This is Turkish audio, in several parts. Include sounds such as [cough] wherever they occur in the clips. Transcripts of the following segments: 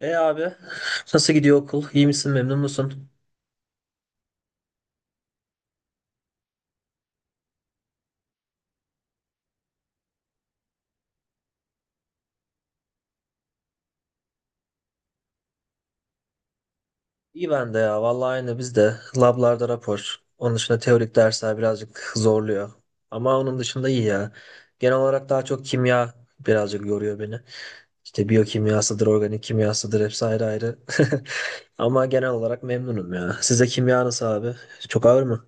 Abi nasıl gidiyor okul? İyi misin, memnun musun? İyi ben de ya. Vallahi aynı biz de. Lablarda rapor. Onun dışında teorik dersler birazcık zorluyor. Ama onun dışında iyi ya. Genel olarak daha çok kimya birazcık yoruyor beni. İşte biyokimyasıdır, organik kimyasıdır hepsi ayrı ayrı. [laughs] Ama genel olarak memnunum ya. Size kimya nasıl abi? Çok ağır mı?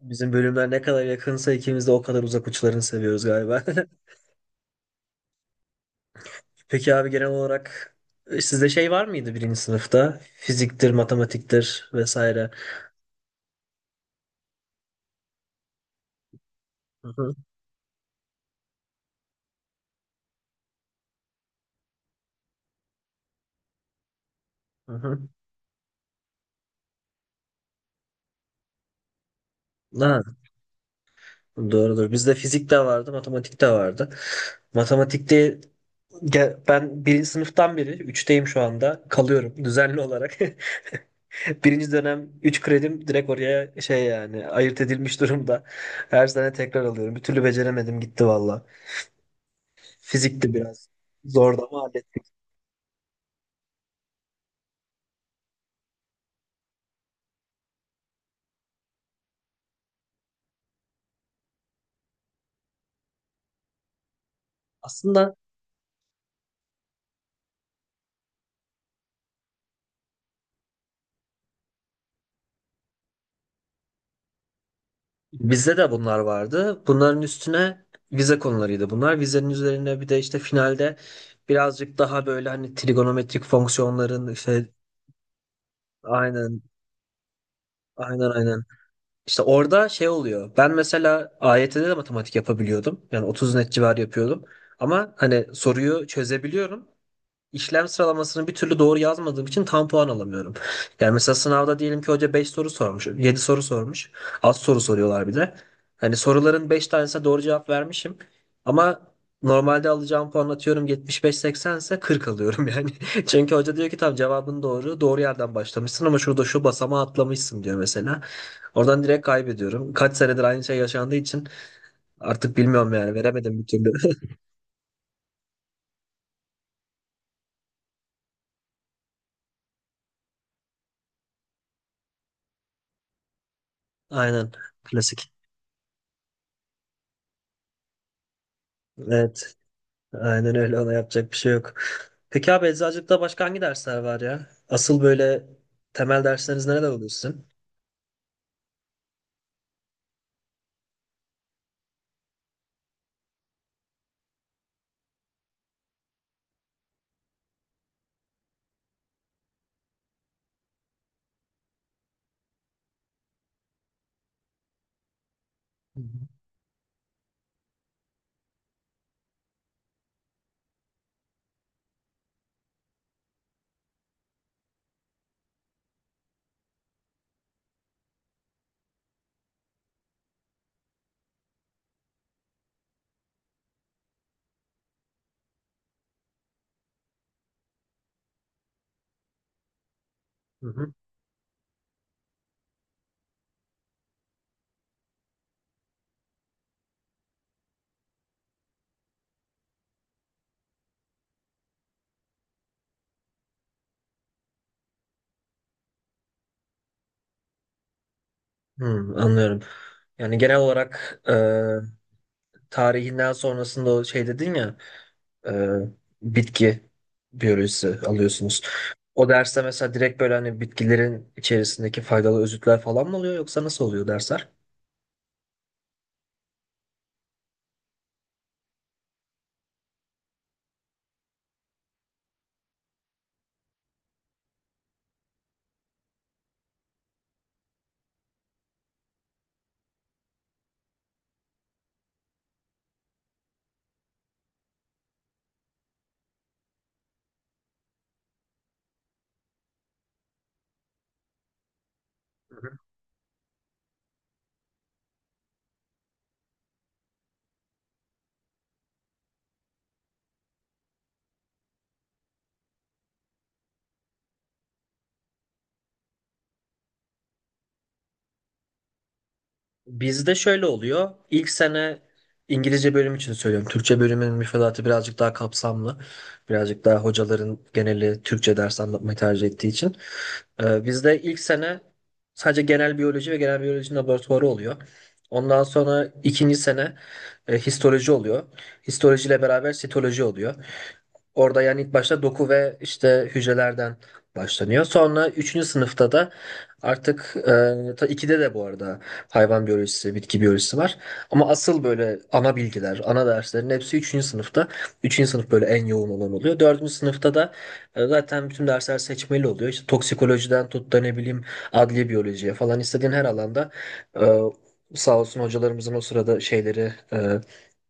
Bizim bölümler ne kadar yakınsa ikimiz de o kadar uzak uçlarını seviyoruz galiba. [laughs] Peki abi genel olarak sizde şey var mıydı birinci sınıfta? Fiziktir, matematiktir vesaire. Hı hı. Hı hı. Ha, doğrudur. Bizde fizik de vardı, matematik de vardı. Matematikte ben birinci sınıftan beri, üçteyim şu anda, kalıyorum düzenli olarak. [laughs] Birinci dönem üç kredim direkt oraya şey yani ayırt edilmiş durumda. Her sene tekrar alıyorum. Bir türlü beceremedim gitti valla. Fizikti biraz zordu ama hallettim. Aslında, bizde de bunlar vardı. Bunların üstüne vize konularıydı bunlar. Vizenin üzerine bir de işte finalde birazcık daha böyle hani trigonometrik fonksiyonların işte aynen, aynen aynen. İşte orada şey oluyor. Ben mesela AYT'de de matematik yapabiliyordum. Yani 30 net civarı yapıyordum. Ama hani soruyu çözebiliyorum. İşlem sıralamasını bir türlü doğru yazmadığım için tam puan alamıyorum. [laughs] Yani mesela sınavda diyelim ki hoca 5 soru sormuş, 7 soru sormuş. Az soru soruyorlar bir de. Hani soruların 5 tanesine doğru cevap vermişim. Ama normalde alacağım puan atıyorum 75-80 ise 40 alıyorum yani. [laughs] Çünkü hoca diyor ki tamam cevabın doğru. Doğru yerden başlamışsın ama şurada şu basamağı atlamışsın diyor mesela. Oradan direkt kaybediyorum. Kaç senedir aynı şey yaşandığı için artık bilmiyorum yani veremedim bir türlü. [laughs] Aynen. Klasik. Evet. Aynen öyle, ona yapacak bir şey yok. Peki abi eczacılıkta başka hangi dersler var ya? Asıl böyle temel dersleriniz neler oluyor sizin? Hı hı. Hı hı. Hmm, anlıyorum. Yani genel olarak tarihinden sonrasında o şey dedin ya e, bitki biyolojisi alıyorsunuz. O derste mesela direkt böyle hani bitkilerin içerisindeki faydalı özütler falan mı oluyor yoksa nasıl oluyor dersler? Bizde şöyle oluyor. İlk sene İngilizce bölüm için söylüyorum. Türkçe bölümün müfredatı birazcık daha kapsamlı. Birazcık daha hocaların geneli Türkçe ders anlatmayı tercih ettiği için. Bizde ilk sene sadece genel biyoloji ve genel biyoloji laboratuvarı oluyor. Ondan sonra ikinci sene histoloji oluyor. Histolojiyle beraber sitoloji oluyor. Orada yani ilk başta doku ve işte hücrelerden başlanıyor. Sonra üçüncü sınıfta da artık ta ikide de bu arada hayvan biyolojisi, bitki biyolojisi var. Ama asıl böyle ana bilgiler, ana derslerin hepsi üçüncü sınıfta. Üçüncü sınıf böyle en yoğun olan oluyor. Dördüncü sınıfta da zaten bütün dersler seçmeli oluyor. İşte toksikolojiden tut da ne bileyim adliye biyolojiye falan istediğin her alanda e, sağ olsun hocalarımızın o sırada şeyleri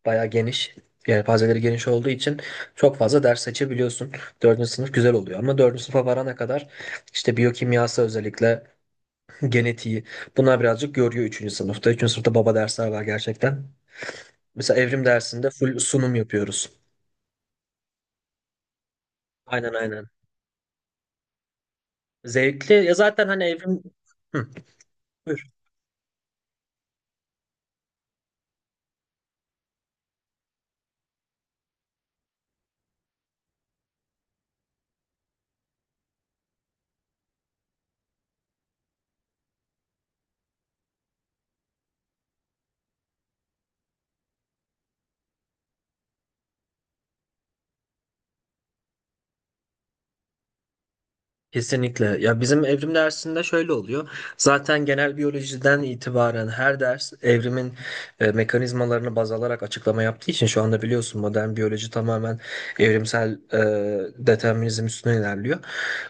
bayağı geniş. Yelpazeleri geniş olduğu için çok fazla ders seçebiliyorsun. Dördüncü sınıf güzel oluyor ama dördüncü sınıfa varana kadar işte biyokimyası özellikle genetiği. Bunlar birazcık görüyor üçüncü sınıfta. 3. sınıfta baba dersler var gerçekten. Mesela evrim dersinde full sunum yapıyoruz. Aynen aynen. Zevkli. Ya zaten hani evrim... Hı. Kesinlikle. Ya bizim evrim dersinde şöyle oluyor. Zaten genel biyolojiden itibaren her ders evrimin mekanizmalarını baz alarak açıklama yaptığı için şu anda biliyorsun modern biyoloji tamamen evrimsel determinizm üstüne ilerliyor.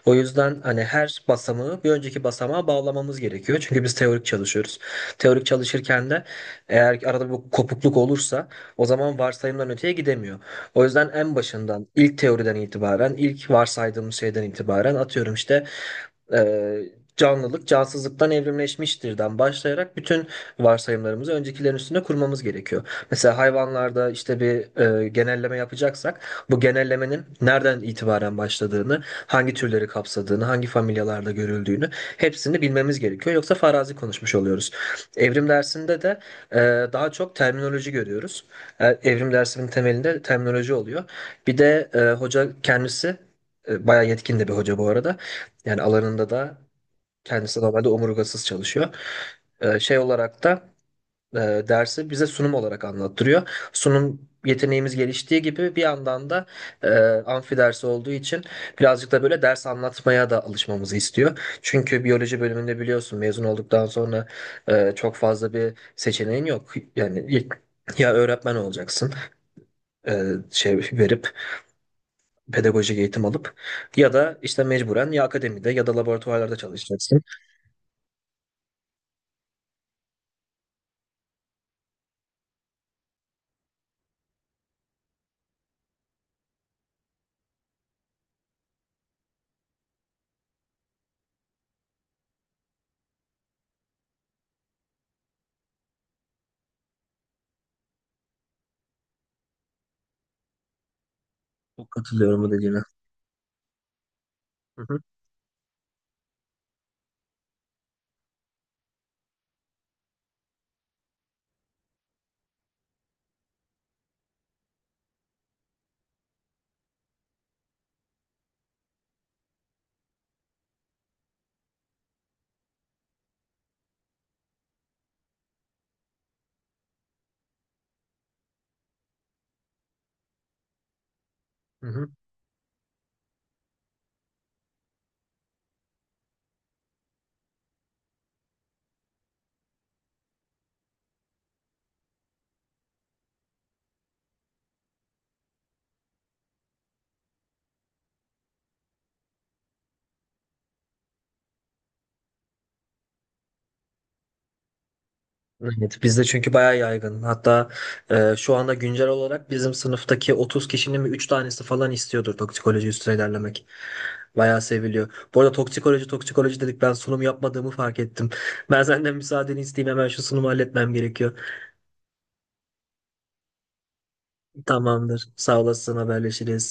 O yüzden hani her basamağı bir önceki basamağa bağlamamız gerekiyor. Çünkü biz teorik çalışıyoruz. Teorik çalışırken de eğer arada bir kopukluk olursa o zaman varsayımdan öteye gidemiyor. O yüzden en başından, ilk teoriden itibaren, ilk varsaydığımız şeyden itibaren atıyorum işte e, canlılık cansızlıktan evrimleşmiştir'den başlayarak bütün varsayımlarımızı öncekilerin üstüne kurmamız gerekiyor. Mesela hayvanlarda işte bir genelleme yapacaksak bu genellemenin nereden itibaren başladığını, hangi türleri kapsadığını, hangi familyalarda görüldüğünü hepsini bilmemiz gerekiyor. Yoksa farazi konuşmuş oluyoruz. Evrim dersinde de e, daha çok terminoloji görüyoruz. Evrim dersinin temelinde terminoloji oluyor. Bir de hoca kendisi bayağı yetkin de bir hoca bu arada. Yani alanında da kendisi normalde omurgasız çalışıyor. Şey olarak da e, dersi bize sunum olarak anlattırıyor. Sunum yeteneğimiz geliştiği gibi bir yandan da e, amfi dersi olduğu için birazcık da böyle ders anlatmaya da alışmamızı istiyor. Çünkü biyoloji bölümünde biliyorsun mezun olduktan sonra çok fazla bir seçeneğin yok. Yani ya öğretmen olacaksın şey verip pedagojik eğitim alıp ya da işte mecburen ya akademide ya da laboratuvarlarda çalışacaksın. Çok katılıyorum bu dediğine. Hı hı. Hı hı. Evet, bizde çünkü bayağı yaygın. Hatta şu anda güncel olarak bizim sınıftaki 30 kişinin mi 3 tanesi falan istiyordur toksikoloji üstüne ilerlemek. Bayağı seviliyor. Bu arada toksikoloji toksikoloji dedik ben sunum yapmadığımı fark ettim. Ben senden müsaadeni isteyeyim hemen şu sunumu halletmem gerekiyor. Tamamdır. Sağ olasın haberleşiriz.